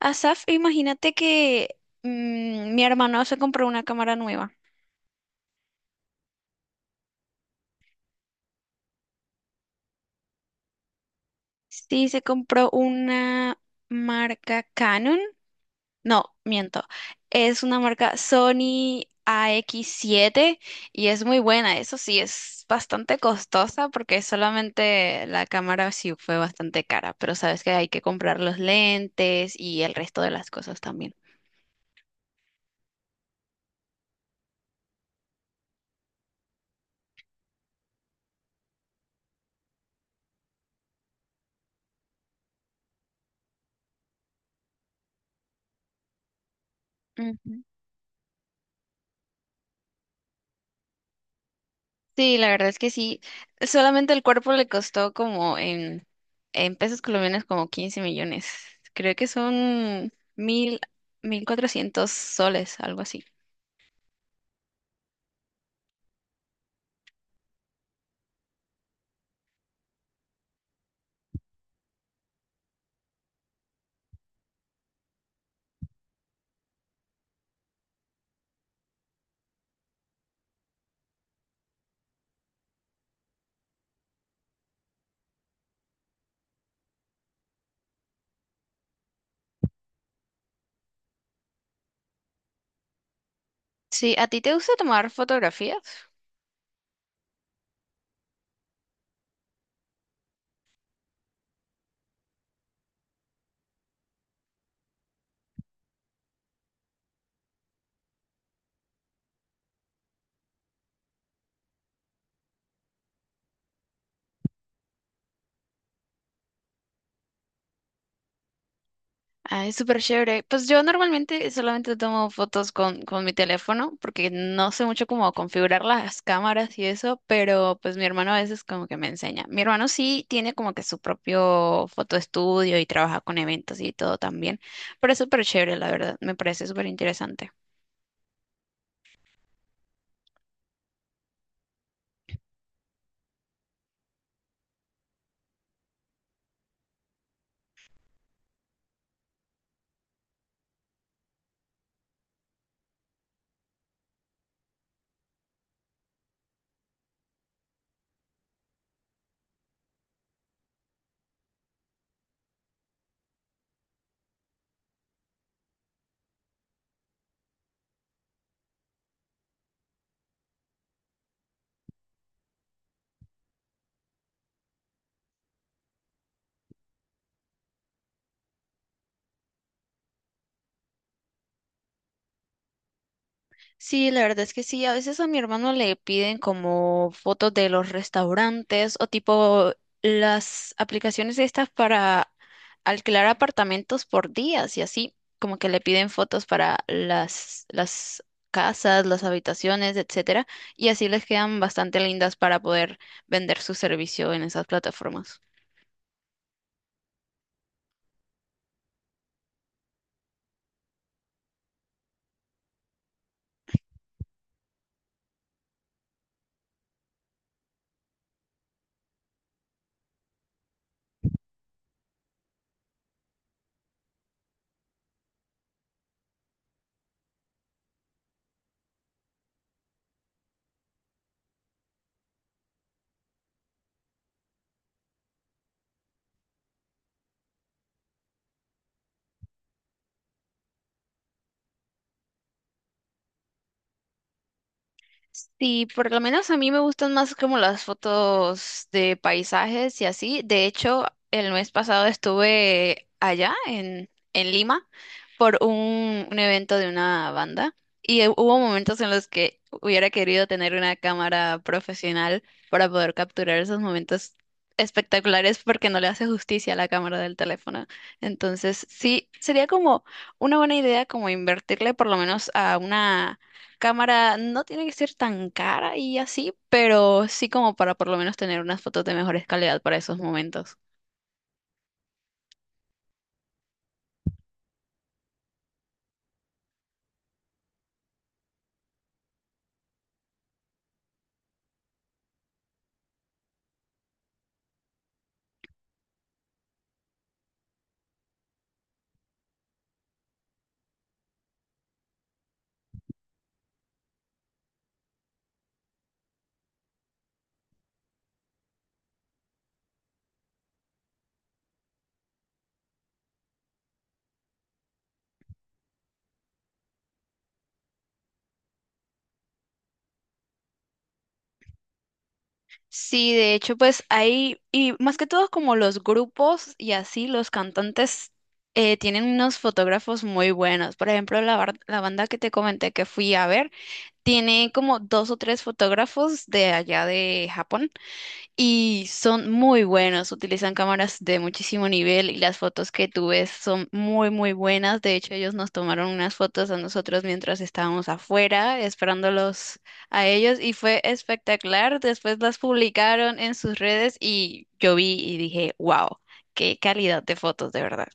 Asaf, imagínate que mi hermano se compró una cámara nueva. Sí, se compró una marca Canon. No, miento. Es una marca Sony AX7 y es muy buena. Eso sí, es bastante costosa porque solamente la cámara sí fue bastante cara, pero sabes que hay que comprar los lentes y el resto de las cosas también. Ujú. Sí, la verdad es que sí. Solamente el cuerpo le costó como en pesos colombianos como 15 millones. Creo que son mil cuatrocientos soles, algo así. Sí, ¿a ti te gusta tomar fotografías? Ah, es súper chévere. Pues yo normalmente solamente tomo fotos con mi teléfono porque no sé mucho cómo configurar las cámaras y eso, pero pues mi hermano a veces como que me enseña. Mi hermano sí tiene como que su propio fotoestudio y trabaja con eventos y todo también, pero es súper chévere, la verdad. Me parece súper interesante. Sí, la verdad es que sí. A veces a mi hermano le piden como fotos de los restaurantes o tipo las aplicaciones estas para alquilar apartamentos por días y así, como que le piden fotos para las casas, las habitaciones, etcétera, y así les quedan bastante lindas para poder vender su servicio en esas plataformas. Sí, por lo menos a mí me gustan más como las fotos de paisajes y así. De hecho, el mes pasado estuve allá en Lima por un evento de una banda y hubo momentos en los que hubiera querido tener una cámara profesional para poder capturar esos momentos espectaculares porque no le hace justicia a la cámara del teléfono. Entonces, sí, sería como una buena idea como invertirle por lo menos a una cámara no tiene que ser tan cara y así, pero sí como para por lo menos tener unas fotos de mejores calidad para esos momentos. Sí, de hecho, pues ahí, y más que todo como los grupos y así, los cantantes tienen unos fotógrafos muy buenos. Por ejemplo, la banda que te comenté que fui a ver, tiene como 2 o 3 fotógrafos de allá de Japón. Y son muy buenos, utilizan cámaras de muchísimo nivel y las fotos que tú ves son muy, muy buenas. De hecho, ellos nos tomaron unas fotos a nosotros mientras estábamos afuera esperándolos a ellos y fue espectacular. Después las publicaron en sus redes y yo vi y dije, wow, qué calidad de fotos, de verdad.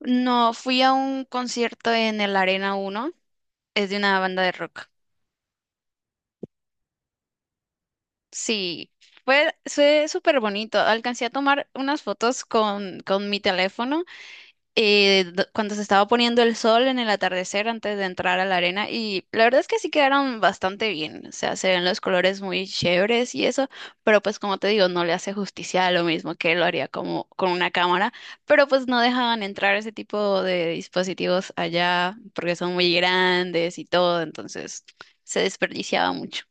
No, fui a un concierto en el Arena 1 es de una banda de rock. Sí, fue súper bonito. Alcancé a tomar unas fotos con mi teléfono cuando se estaba poniendo el sol en el atardecer antes de entrar a la arena y la verdad es que sí quedaron bastante bien. O sea, se ven los colores muy chéveres y eso, pero pues como te digo, no le hace justicia a lo mismo que lo haría como con una cámara, pero pues no dejaban entrar ese tipo de dispositivos allá porque son muy grandes y todo, entonces se desperdiciaba mucho.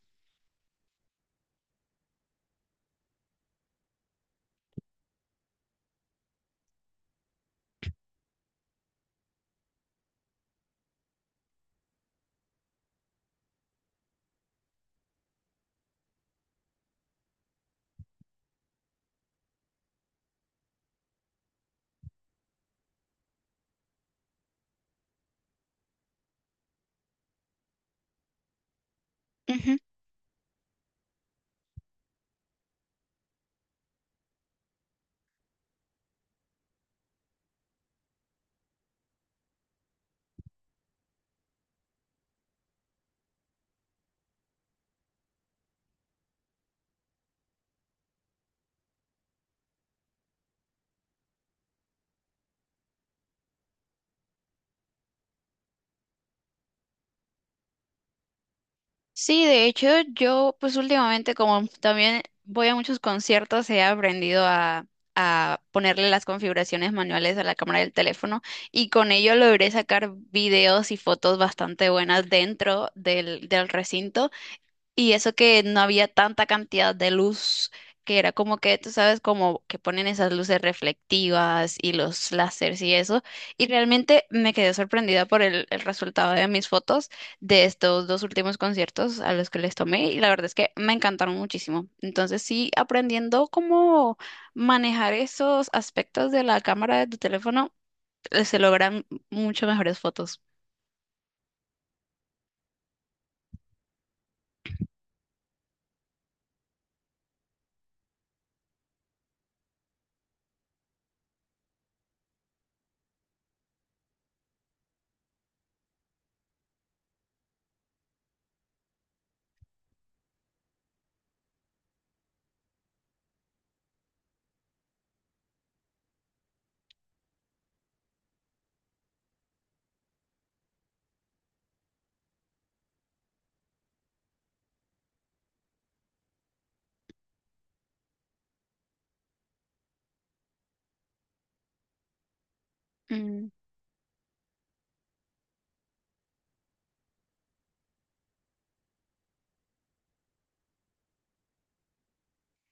Sí, de hecho, yo pues últimamente como también voy a muchos conciertos, he aprendido a ponerle las configuraciones manuales a la cámara del teléfono y con ello logré sacar videos y fotos bastante buenas dentro del recinto. Y eso que no había tanta cantidad de luz, que era como que, tú sabes, como que ponen esas luces reflectivas y los láseres y eso. Y realmente me quedé sorprendida por el resultado de mis fotos de estos dos últimos conciertos a los que les tomé. Y la verdad es que me encantaron muchísimo. Entonces sí, aprendiendo cómo manejar esos aspectos de la cámara de tu teléfono, se logran mucho mejores fotos.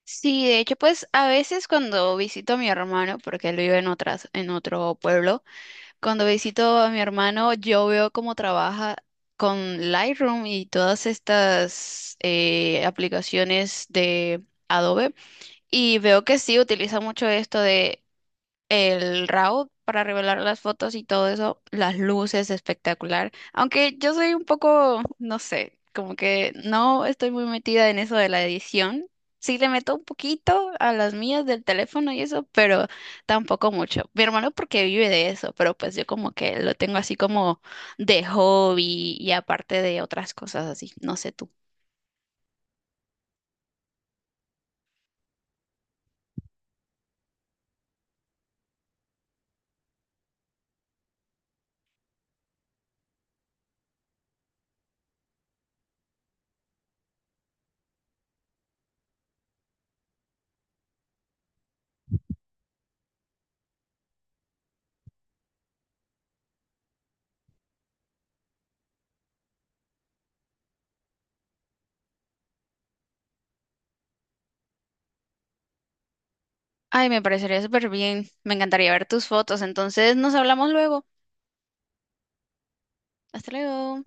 Sí, de hecho, pues a veces cuando visito a mi hermano, porque él vive en otro pueblo, cuando visito a mi hermano, yo veo cómo trabaja con Lightroom y todas estas aplicaciones de Adobe. Y veo que sí utiliza mucho esto de el RAW para revelar las fotos y todo eso, las luces espectacular. Aunque yo soy un poco, no sé, como que no estoy muy metida en eso de la edición. Sí le meto un poquito a las mías del teléfono y eso, pero tampoco mucho. Mi hermano porque vive de eso, pero pues yo como que lo tengo así como de hobby y aparte de otras cosas así. No sé tú. Ay, me parecería súper bien. Me encantaría ver tus fotos. Entonces nos hablamos luego. Hasta luego.